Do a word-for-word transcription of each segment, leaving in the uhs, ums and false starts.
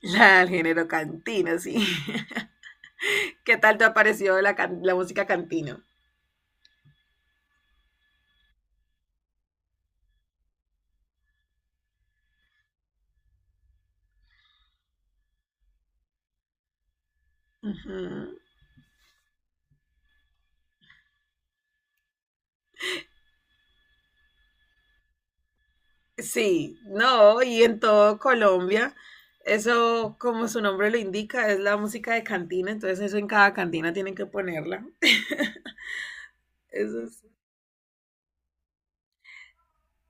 La del género cantino, sí. ¿Qué tal te ha parecido la, can- la música cantino? Ujú. Sí, no, y en todo Colombia, eso como su nombre lo indica, es la música de cantina, entonces eso en cada cantina tienen que ponerla. Eso es.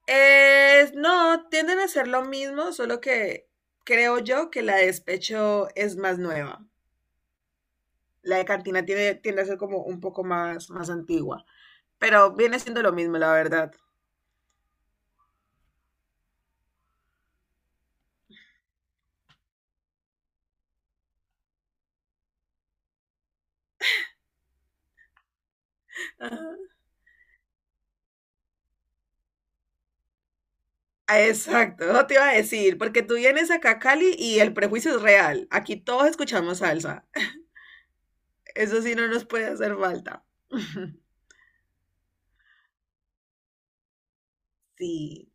Eh, no, tienden a ser lo mismo, solo que creo yo que la de despecho es más nueva. La de cantina tiene, tiende a ser como un poco más, más antigua, pero viene siendo lo mismo, la verdad. Ah, exacto, eso te iba a decir, porque tú vienes acá a Cali y el prejuicio es real. Aquí todos escuchamos salsa. Eso sí no nos puede hacer falta. Sí.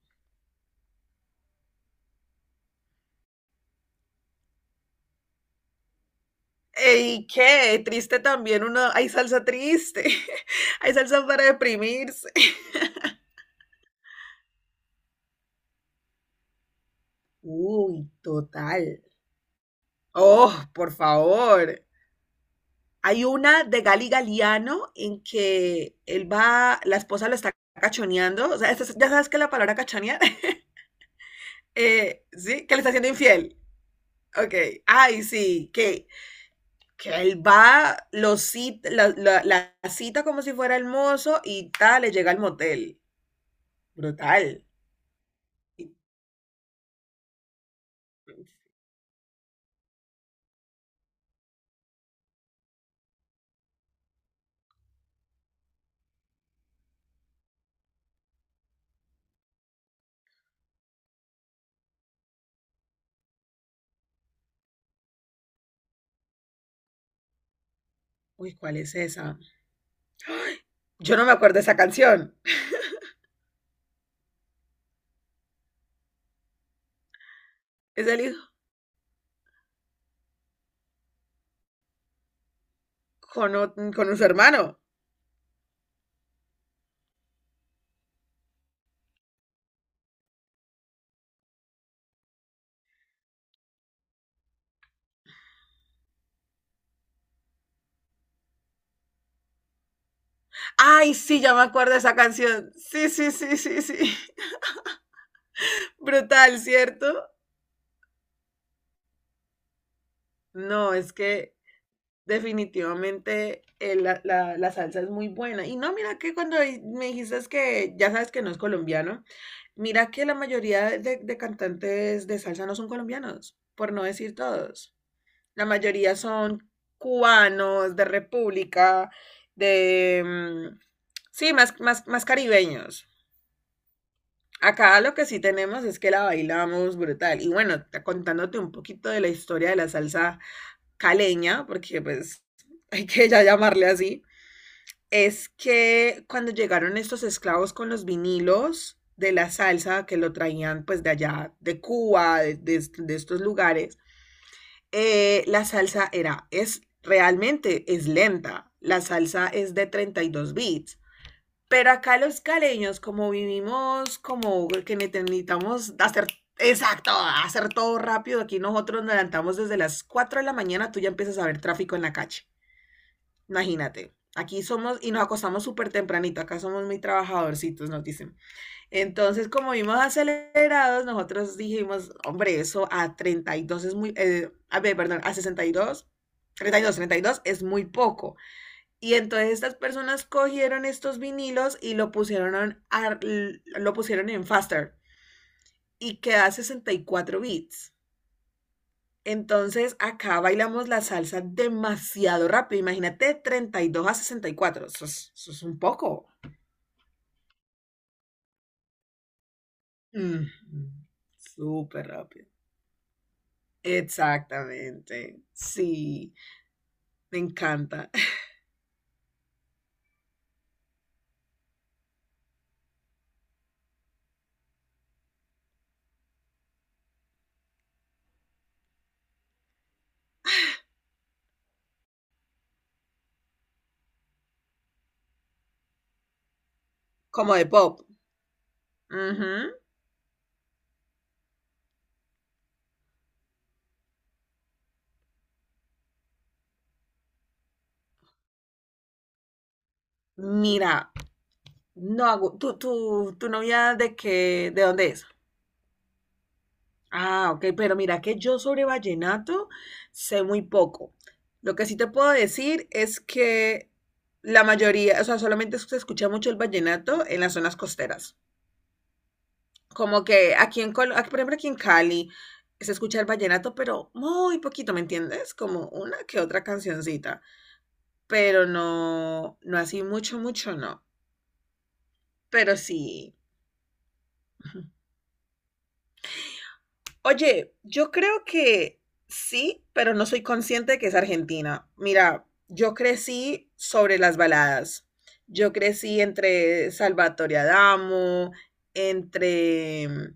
¿Y qué? Triste también uno. Hay salsa triste. Hay salsa para deprimirse. Uy, total. Oh, por favor. Hay una de Gali Galiano en que él va, la esposa lo está cachoneando. O sea, ya sabes que la palabra cachonear, eh, sí, que le está haciendo infiel. Ok, ay, sí, que, que él va, lo cita, la, la- la cita como si fuera el mozo y tal, le llega al motel. Brutal. Y- Uy, ¿cuál es esa? Yo no me acuerdo de esa canción. Es el hijo con, o- con su hermano. Ay, sí, ya me acuerdo de esa canción. Sí, sí, sí, sí, sí. Brutal, ¿cierto? No, es que Definitivamente, eh, la, la- la salsa es muy buena. Y no, mira que cuando di- me dijiste es que ya sabes que no es colombiano, mira que la mayoría de, de cantantes de salsa no son colombianos, por no decir todos. La mayoría son cubanos, de República, de... mm, sí, más, más, más caribeños. Acá lo que sí tenemos es que la bailamos brutal. Y bueno, t- contándote un poquito de la historia de la salsa caleña, porque pues hay que ya llamarle así, es que cuando llegaron estos esclavos con los vinilos de la salsa que lo traían pues de allá, de Cuba, de, de, de estos lugares, eh, la salsa era, es realmente es lenta, la salsa es de treinta y dos bits. Pero acá los caleños, como vivimos, como que necesitamos hacer... Exacto, hacer todo rápido. Aquí nosotros nos levantamos desde las cuatro de la mañana, tú ya empiezas a ver tráfico en la calle. Imagínate, aquí somos y nos acostamos súper tempranito, acá somos muy trabajadorcitos, nos dicen. Entonces, como vimos acelerados, nosotros dijimos, hombre, eso a treinta y dos es muy, eh, a ver, perdón, a sesenta y y dos dos treinta y dos, treinta y dos es muy poco. Y entonces estas personas cogieron estos vinilos y lo pusieron, en- a- lo pusieron en faster y queda sesenta y cuatro bits. Entonces acá bailamos la salsa demasiado rápido. Imagínate de treinta y dos a sesenta y cuatro. Eso es, eso es un poco. Mm, súper rápido. Exactamente. Sí, me encanta. Como de pop. Ujú. Mira, no hago. ¿Tu, tu, tu novia de qué? ¿De dónde es? Ah, ok, pero mira que yo sobre vallenato sé muy poco. Lo que sí te puedo decir es que la mayoría, o sea, solamente se escucha mucho el vallenato en las zonas costeras. Como que aquí en Col- aquí, por ejemplo, aquí en Cali se escucha el vallenato, pero muy poquito, ¿me entiendes? Como una que otra cancioncita, pero no, no así mucho, mucho, no. Pero sí. Oye, yo creo que sí, pero no soy consciente de que es Argentina. Mira, yo crecí sobre las baladas. Yo crecí entre Salvatore Adamo, entre mm,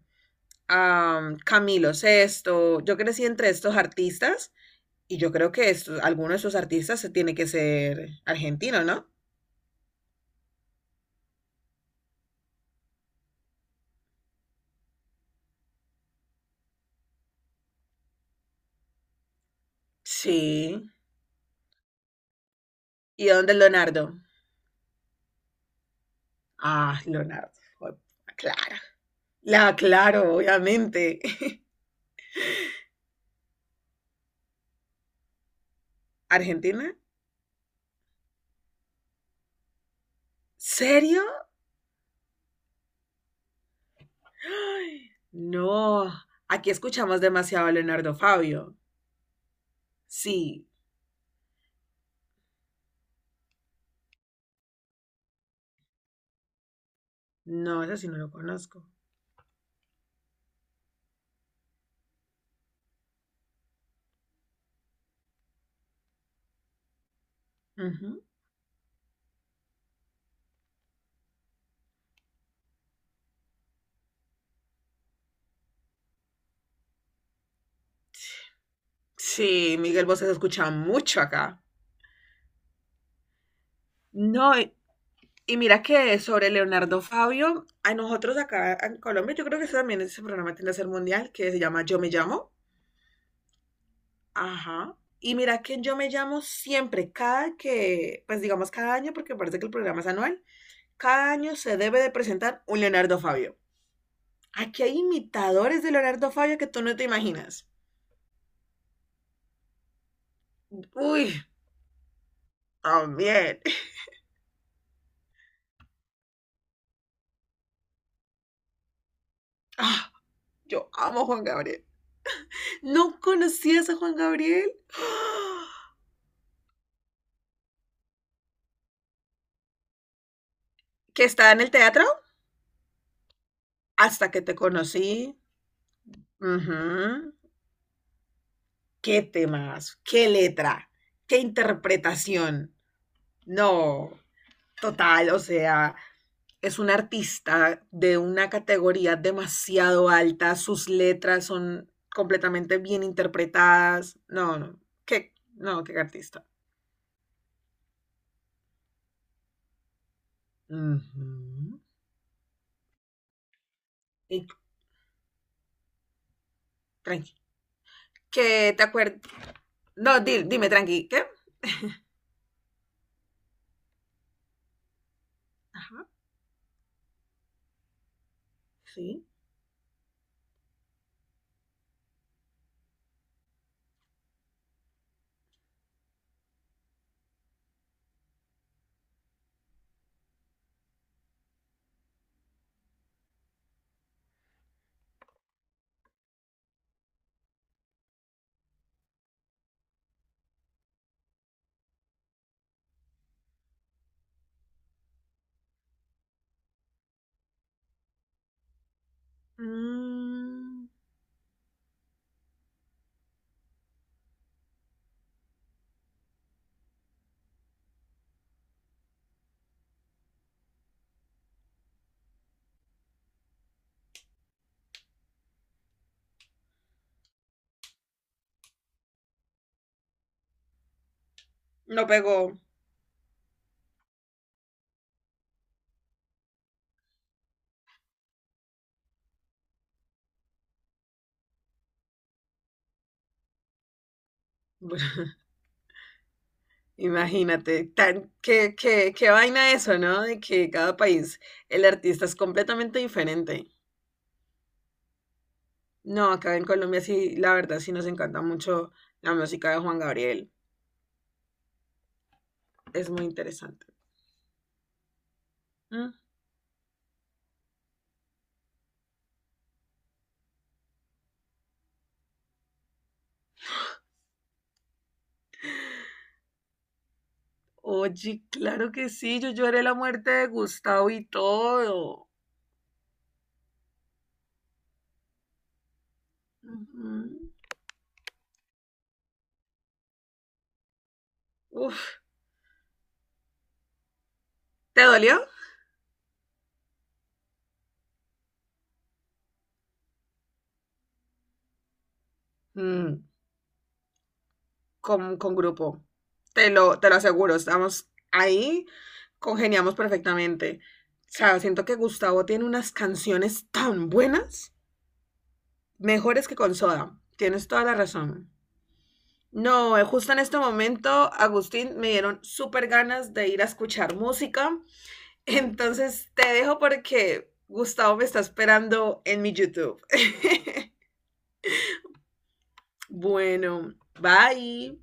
am, Camilo Sesto. Yo crecí entre estos artistas y yo creo que estos, alguno de esos artistas se tiene que ser argentino, ¿no? Sí. ¿Y dónde es Leonardo? Ah, Leonardo. Claro. La aclaro, obviamente. ¿Argentina? ¿Serio? Ay, no, aquí escuchamos demasiado a Leonardo Fabio. Sí, no, ese sí no lo conozco. Ujú. Sí, Miguel Bosé se escucha mucho acá. No, y, y mira que sobre Leonardo Fabio, a nosotros acá en Colombia, yo creo que ese también ese programa tiene que ser mundial, que se llama Yo Me Llamo. Ajá. Y mira que en Yo Me Llamo siempre, cada que, pues digamos cada año, porque parece que el programa es anual, cada año se debe de presentar un Leonardo Fabio. Aquí hay imitadores de Leonardo Fabio que tú no te imaginas. Uy, también. Ah, yo amo a Juan Gabriel. ¿No conocías a Juan Gabriel? ¿Que está en el teatro? Hasta que te conocí. Ujú. ¿Qué temas? ¿Qué letra? ¿Qué interpretación? No, total, o sea, es un artista de una categoría demasiado alta, sus letras son completamente bien interpretadas. No, no, qué, no, qué artista. Ujú. Y, tranqui. Que te acuerdas. No, di- dime, tranqui. ¿Qué? Ajá, sí. Mm, no pegó. Bueno, imagínate, tan, qué, qué, qué vaina eso, ¿no? De que cada país el artista es completamente diferente. No, acá en Colombia sí, la verdad sí nos encanta mucho la música de Juan Gabriel. Es muy interesante. Mm. Oye, claro que sí, yo lloré la muerte de Gustavo y todo. Ujú. Uf, ¿te dolió? Mm, con, con grupo. Te lo, te lo aseguro, estamos ahí, congeniamos perfectamente. O sea, siento que Gustavo tiene unas canciones tan buenas, mejores que con Soda. Tienes toda la razón. No, eh, justo en este momento, Agustín, me dieron súper ganas de ir a escuchar música. Entonces te dejo porque Gustavo me está esperando en mi YouTube. Bueno, bye.